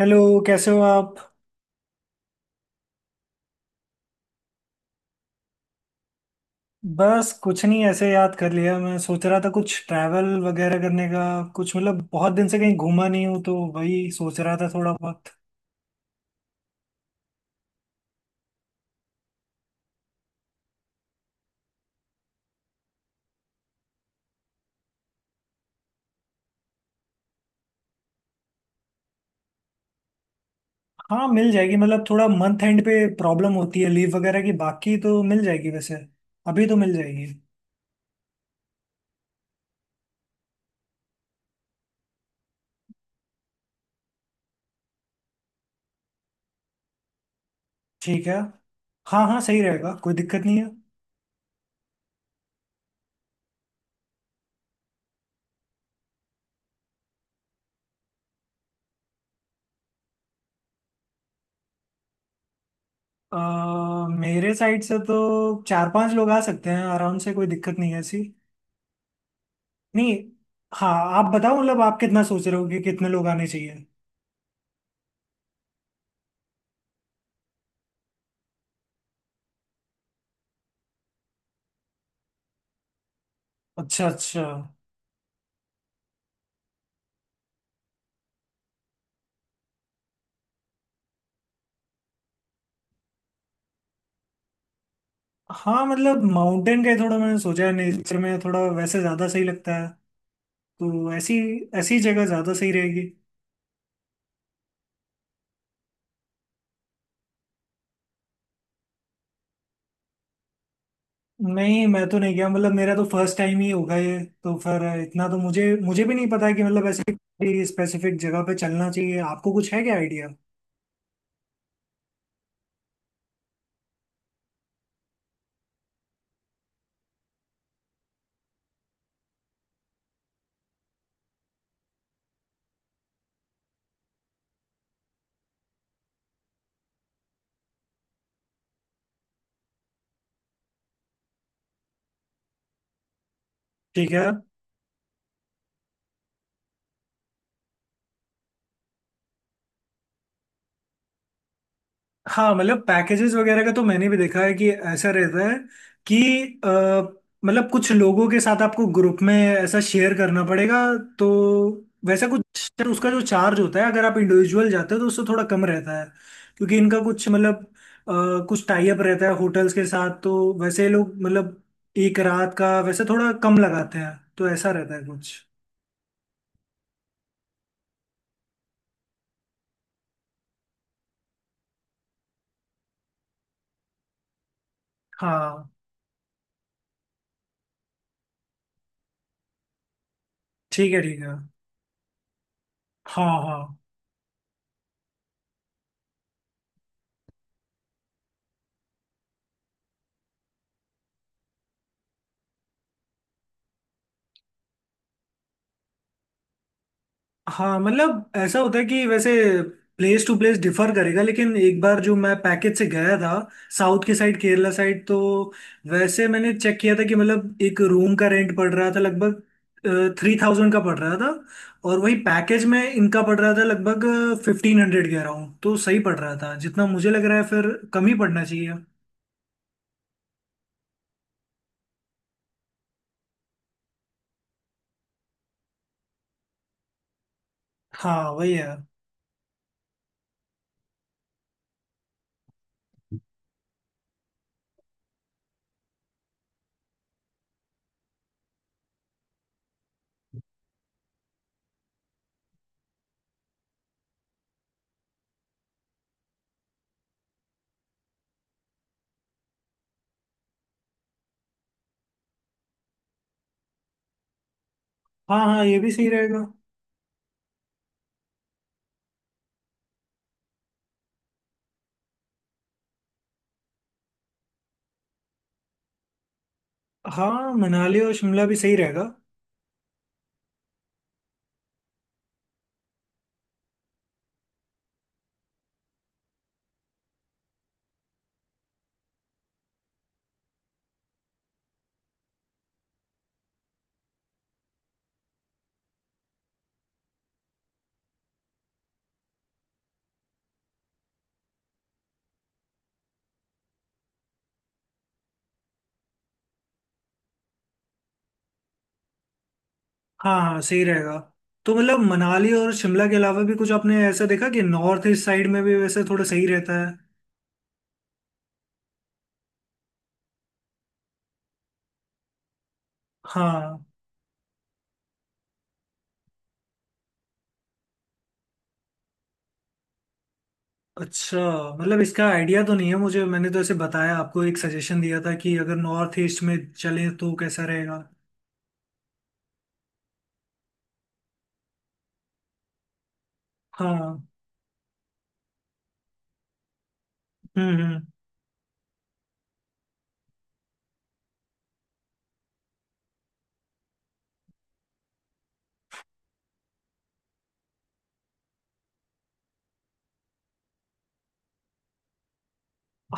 Hello. कैसे हो आप? बस कुछ नहीं, ऐसे याद कर लिया। मैं सोच रहा था कुछ ट्रैवल वगैरह करने का। कुछ मतलब बहुत दिन से कहीं घूमा नहीं हूँ, तो वही सोच रहा था थोड़ा बहुत। हाँ मिल जाएगी, मतलब थोड़ा मंथ एंड पे प्रॉब्लम होती है लीव वगैरह की, बाकी तो मिल जाएगी वैसे। अभी तो मिल जाएगी। ठीक है। हाँ हाँ सही रहेगा, कोई दिक्कत नहीं है। मेरे साइड से तो चार पांच लोग आ सकते हैं आराम से, कोई दिक्कत नहीं है ऐसी। नहीं। हाँ। आप बताओ, मतलब आप कितना सोच रहे हो कि कितने लोग आने चाहिए? अच्छा अच्छा। हाँ मतलब माउंटेन का ही थोड़ा मैंने सोचा है, नेचर में थोड़ा वैसे ज्यादा सही लगता है। तो ऐसी ऐसी जगह ज्यादा सही रहेगी। नहीं, मैं तो नहीं गया, मतलब मेरा तो फर्स्ट टाइम ही होगा ये। तो फिर इतना तो मुझे मुझे भी नहीं पता है कि मतलब ऐसे स्पेसिफिक जगह पे चलना चाहिए। आपको कुछ है क्या आइडिया? ठीक है। हाँ मतलब पैकेजेस वगैरह का तो मैंने भी देखा है कि ऐसा रहता है कि अ, मतलब कुछ लोगों के साथ आपको ग्रुप में ऐसा शेयर करना पड़ेगा, तो वैसा कुछ उसका जो चार्ज होता है अगर आप इंडिविजुअल जाते हो तो उससे थोड़ा कम रहता है, क्योंकि इनका कुछ मतलब कुछ टाई अप रहता है होटल्स के साथ, तो वैसे ये लोग मतलब एक रात का वैसे थोड़ा कम लगाते हैं, तो ऐसा रहता है कुछ। हाँ ठीक है, ठीक है। हाँ हाँ। हाँ मतलब ऐसा होता है कि वैसे प्लेस टू प्लेस डिफर करेगा, लेकिन एक बार जो मैं पैकेज से गया था साउथ की साइड, केरला साइड, तो वैसे मैंने चेक किया था कि मतलब एक रूम का रेंट पड़ रहा था लगभग 3000 का पड़ रहा था, और वही पैकेज में इनका पड़ रहा था लगभग 1500 कह रहा हूँ, तो सही पड़ रहा था, जितना मुझे लग रहा है फिर कम ही पड़ना चाहिए। हाँ वही है। हाँ हाँ, ये भी सही रहेगा। हाँ मनाली और शिमला भी सही रहेगा। हाँ हाँ सही रहेगा। तो मतलब मनाली और शिमला के अलावा भी कुछ आपने ऐसा देखा कि नॉर्थ ईस्ट साइड में भी वैसे थोड़ा सही रहता है? हाँ। अच्छा। मतलब इसका आइडिया तो नहीं है मुझे, मैंने तो ऐसे बताया आपको, एक सजेशन दिया था कि अगर नॉर्थ ईस्ट में चलें तो कैसा रहेगा। हाँ। हम्म।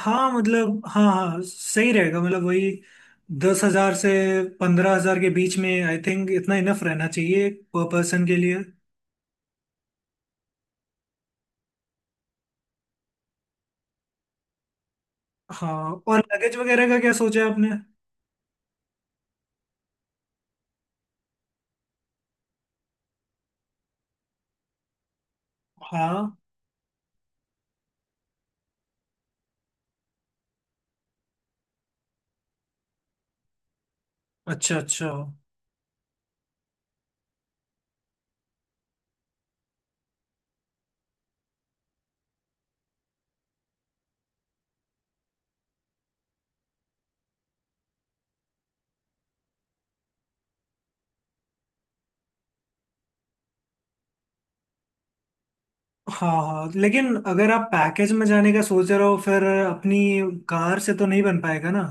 हाँ मतलब हाँ हाँ सही रहेगा, मतलब वही 10 हजार से 15 हजार के बीच में, आई थिंक इतना इनफ रहना चाहिए पर पर्सन के लिए। हाँ, और लगेज वगैरह का क्या सोचा है आपने? हाँ अच्छा अच्छा। हाँ हाँ, लेकिन अगर आप पैकेज में जाने का सोच रहे हो फिर अपनी कार से तो नहीं बन पाएगा ना।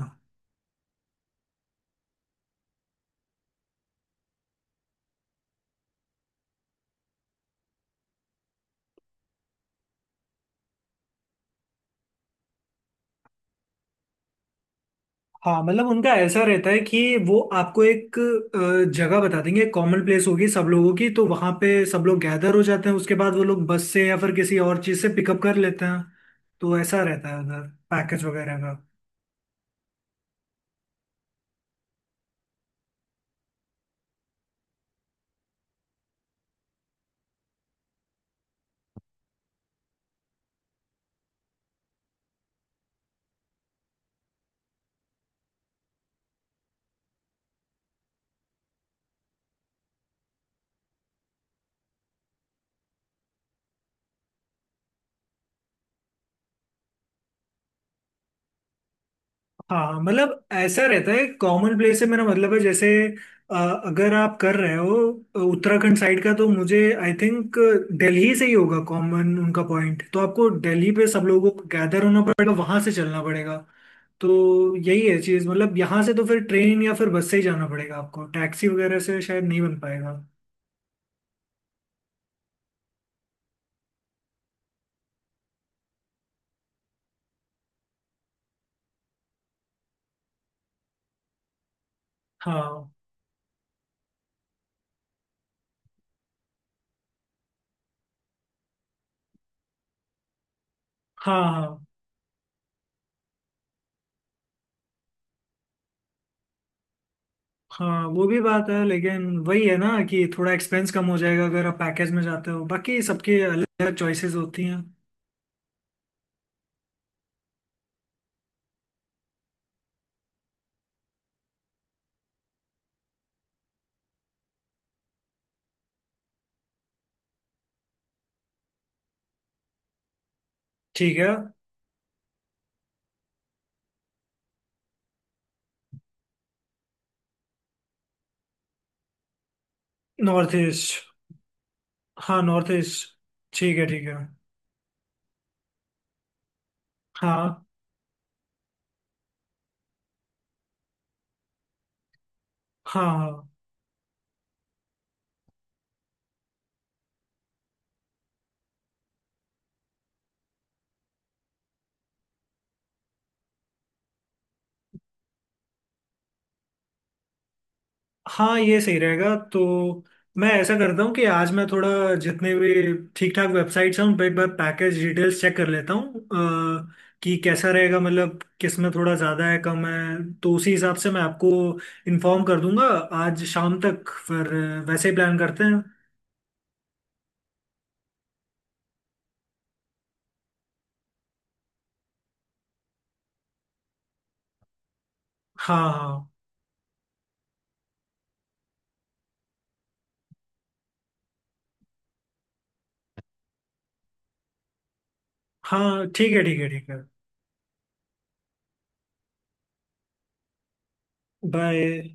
हाँ मतलब उनका ऐसा रहता है कि वो आपको एक जगह बता देंगे, कॉमन प्लेस होगी सब लोगों की, तो वहां पे सब लोग गैदर हो जाते हैं, उसके बाद वो लोग बस से या फिर किसी और चीज से पिकअप कर लेते हैं, तो ऐसा रहता है उधर पैकेज वगैरह। हाँ मतलब ऐसा रहता है कॉमन प्लेस से मेरा मतलब है, जैसे अ, अगर आप कर रहे हो उत्तराखंड साइड का तो मुझे आई थिंक दिल्ली से ही होगा कॉमन उनका पॉइंट, तो आपको दिल्ली पे सब लोगों को गैदर होना पड़ेगा, वहां से चलना पड़ेगा। तो यही है चीज़, मतलब यहाँ से तो फिर ट्रेन या फिर बस से ही जाना पड़ेगा आपको, टैक्सी वगैरह से शायद नहीं बन पाएगा। हाँ हाँ। हाँ हाँ वो भी बात है, लेकिन वही है ना कि थोड़ा एक्सपेंस कम हो जाएगा अगर आप पैकेज में जाते हो, बाकी सबके अलग अलग चॉइसेस होती हैं। ठीक है। North east. हाँ नॉर्थ ईस्ट। ठीक है, ठीक है। हाँ हाँ। हाँ हाँ ये सही रहेगा तो। मैं ऐसा करता हूँ कि आज मैं थोड़ा जितने भी ठीक ठाक वेबसाइट्स हैं उन पर एक बार पैकेज डिटेल्स चेक कर लेता हूँ, कि कैसा रहेगा, मतलब किस में थोड़ा ज़्यादा है कम है, तो उसी हिसाब से मैं आपको इन्फॉर्म कर दूंगा आज शाम तक, फिर वैसे ही प्लान करते हैं। हाँ हाँ। हाँ ठीक है, ठीक है, ठीक है। बाय।